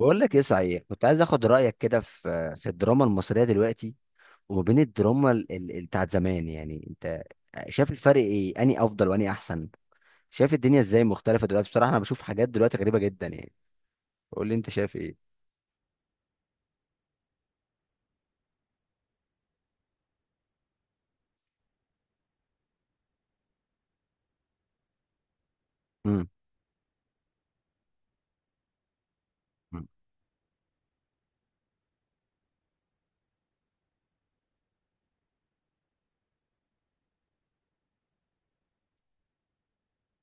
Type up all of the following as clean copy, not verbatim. بقول لك ايه؟ صحيح، كنت عايز اخد رايك كده في الدراما المصريه دلوقتي، وما بين الدراما بتاعت زمان. يعني انت شايف الفرق ايه؟ اني افضل واني احسن؟ شايف الدنيا ازاي مختلفه دلوقتي؟ بصراحه انا بشوف حاجات دلوقتي غريبه جدا يعني. قول لي انت شايف ايه. امم.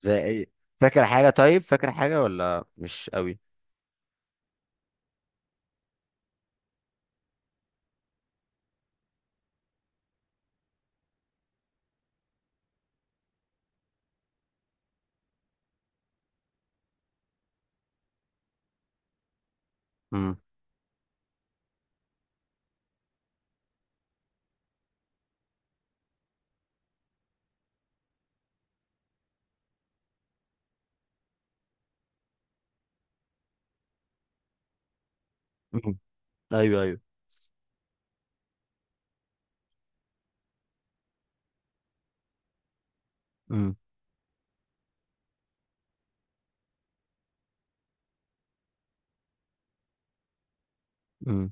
زي ايه؟ فاكر حاجه؟ طيب، فاكر حاجه ولا مش قوي؟ امم. ايوه ايوه. امم. امم.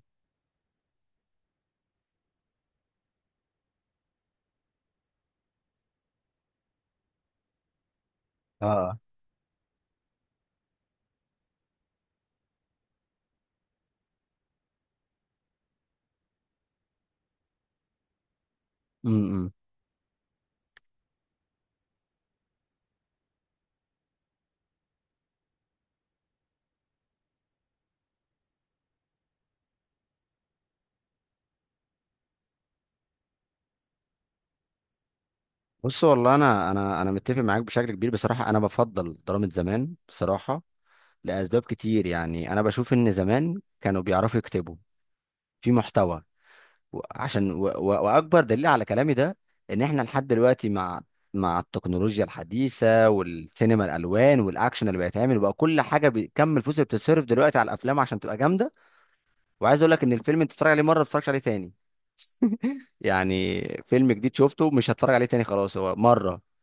اه. امم. بص، والله انا انا متفق معاك بشكل كبير. بصراحه انا بفضل دراما زمان بصراحه، لأسباب كتير. يعني أنا بشوف إن زمان كانوا بيعرفوا يكتبوا، في محتوى، و وأكبر دليل على كلامي ده إن إحنا لحد دلوقتي مع مع التكنولوجيا الحديثة والسينما الألوان والأكشن اللي بيتعمل بقى كل حاجة، بكم الفلوس اللي بتتصرف دلوقتي على الأفلام عشان تبقى جامدة، وعايز أقول لك إن الفيلم أنت بتتفرج عليه مرة ما تتفرجش عليه تاني. يعني فيلم جديد شفته مش هتفرج عليه تاني، خلاص هو مرة.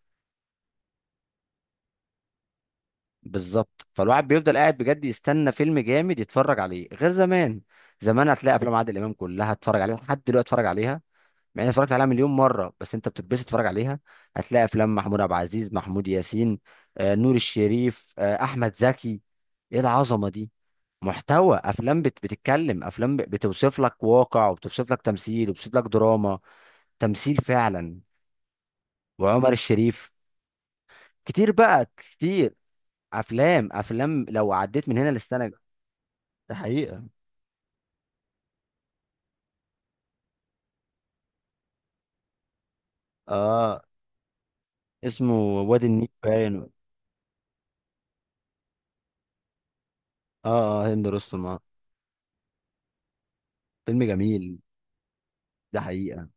بالظبط، فالواحد بيفضل قاعد بجد يستنى فيلم جامد يتفرج عليه، غير زمان. زمان هتلاقي افلام عادل امام كلها اتفرج عليها لحد دلوقتي اتفرج عليها، مع اني اتفرجت عليها مليون مره، بس انت بتتبسط تتفرج عليها. هتلاقي افلام محمود عبد العزيز، محمود ياسين، آه، نور الشريف، آه، احمد زكي. ايه العظمه دي! محتوى افلام بتتكلم، افلام بتوصف لك واقع، وبتوصف لك تمثيل، وبتوصف لك دراما، تمثيل فعلا. وعمر الشريف. كتير بقى، كتير. افلام افلام لو عديت من هنا للسنه. ده حقيقة. اه، اسمه وادي النيل باين. اه اه، هند رستم اه. فيلم جميل. ده حقيقة.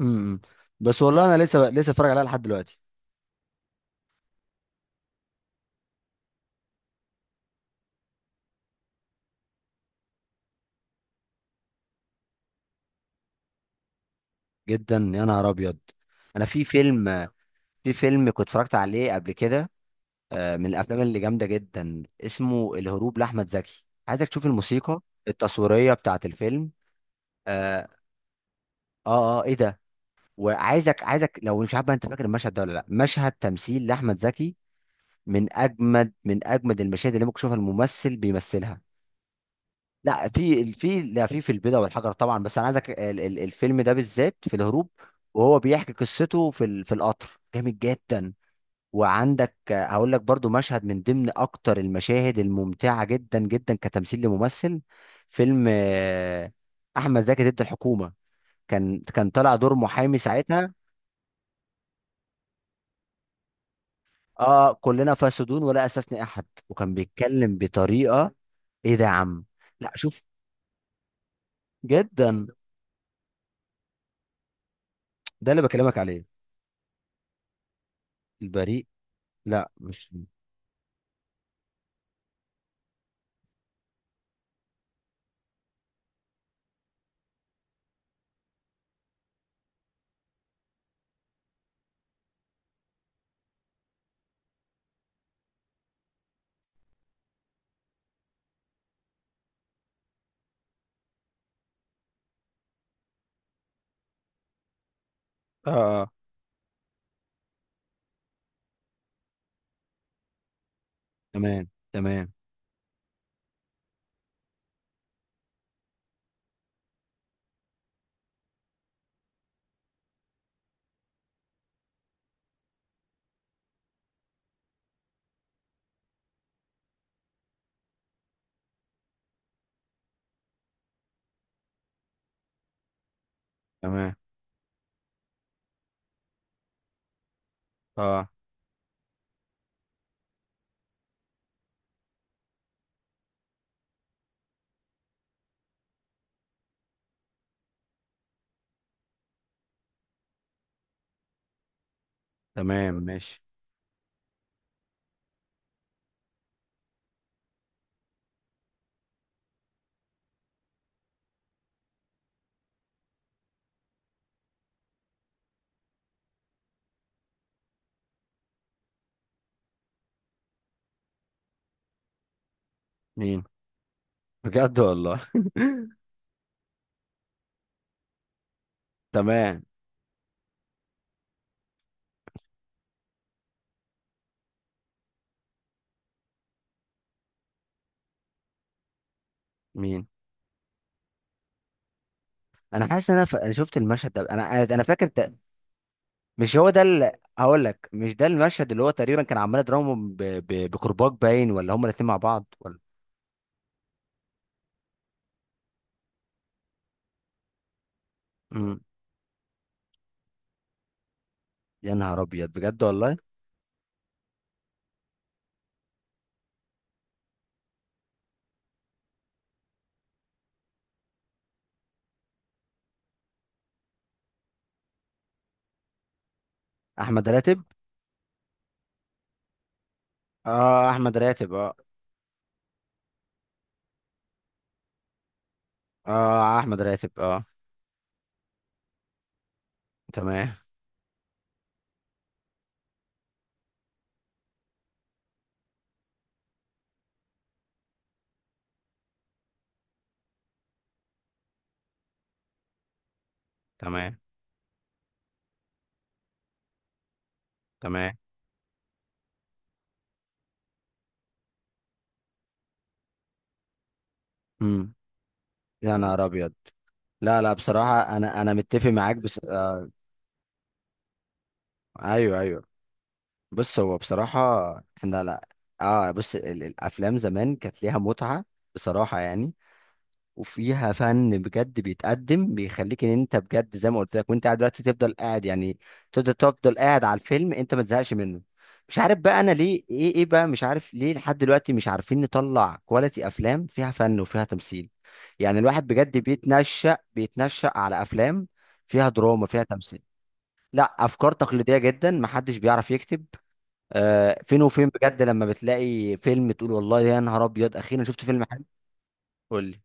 امم. بس والله انا لسه اتفرج عليها لحد دلوقتي. جدا، يا نهار ابيض. انا في فيلم، في فيلم كنت اتفرجت عليه قبل كده، آه، من الافلام اللي جامدة جدا، اسمه الهروب لاحمد زكي. عايزك تشوف الموسيقى التصويرية بتاعت الفيلم. اه. اه، آه، ايه ده! وعايزك لو مش عارف بقى انت فاكر المشهد ده ولا لا. مشهد تمثيل لاحمد زكي من اجمد، من اجمد المشاهد اللي ممكن تشوفها الممثل بيمثلها. لا، في البيضة والحجر طبعا، بس انا عايزك الفيلم ده بالذات في الهروب. وهو بيحكي قصته في في القطر، جامد جدا. وعندك آه، هقول لك برضو مشهد من ضمن اكتر المشاهد الممتعة جدا جدا كتمثيل لممثل. فيلم آه، احمد زكي ضد الحكومة. كان طالع دور محامي ساعتها. اه كلنا فاسدون ولا اساسني احد، وكان بيتكلم بطريقة. ايه ده يا عم! لا شوف، جدا. ده اللي بكلمك عليه. البريء؟ لا مش. اه. اه تمام. تمام. تمام اه. تمام ماشي. مين؟ بجد والله. تمام. مين؟ انا حاسس ان انا ف... أنا شفت المشهد ده، انا انا فاكر ده. مش هو ده اللي. هقول لك، مش ده المشهد اللي هو تقريبا كان عمال يضربهم بكرباج باين؟ ولا هما الاثنين مع بعض ولا؟ امم. يا نهار ابيض بجد والله. احمد راتب اه. احمد راتب اه. اه احمد راتب اه. تمام. تمام تمام. امم. يا نهار ابيض. لا لا، بصراحه انا انا متفق معاك، بس آه. ايوه ايوه. بص، هو بصراحه. احنا لا. اه، بص الافلام زمان كانت ليها متعه، بصراحه يعني. وفيها فن بجد بيتقدم، بيخليك ان انت بجد زي ما قلت لك، وانت قاعد دلوقتي تفضل قاعد يعني. تفضل قاعد على الفيلم، انت ما تزهقش منه. مش عارف بقى انا ليه ايه، ايه بقى مش عارف ليه لحد دلوقتي مش عارفين نطلع كواليتي افلام فيها فن وفيها تمثيل. يعني الواحد بجد بيتنشأ على افلام فيها دراما فيها تمثيل. لا، افكار تقليديه جدا، محدش بيعرف يكتب. آه، فين وفين بجد لما بتلاقي فيلم تقول والله يا نهار ابيض اخيرا شفت فيلم حلو. قول لي.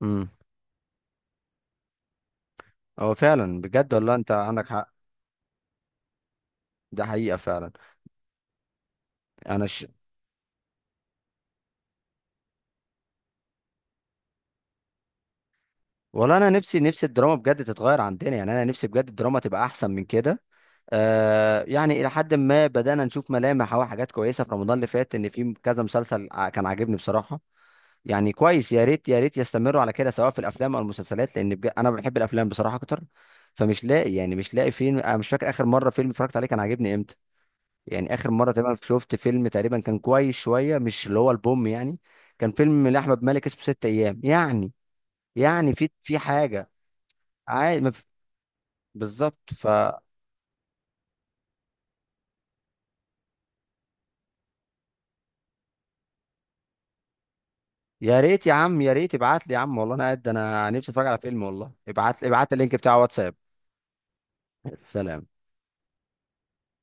مم. هو فعلا بجد والله انت عندك حق. ده حقيقة فعلا. انا ش... والله انا نفسي الدراما بجد تتغير عندنا. يعني انا نفسي بجد الدراما تبقى احسن من كده. آه، يعني الى حد ما بدأنا نشوف ملامح او حاجات كويسة في رمضان اللي فات، ان في كذا مسلسل كان عاجبني بصراحة. يعني كويس، يا ريت يا ريت يستمروا على كده، سواء في الافلام او المسلسلات، لان بجد انا بحب الافلام بصراحة اكتر. فمش لاقي، يعني مش لاقي فيلم. انا مش فاكر اخر مرة فيلم اتفرجت عليه كان عاجبني امتى. يعني اخر مره تقريبا شفت فيلم تقريبا كان كويس شويه، مش اللي هو البوم يعني. كان فيلم لاحمد مالك اسمه ست ايام يعني، يعني في في حاجه. عادي ما في-. بالظبط، ف. يا ريت يا عم، يا ريت ابعت لي يا عم. والله انا قاعد انا نفسي اتفرج على فيلم. والله ابعت لي ابعت لي اللينك بتاع واتساب. السلام.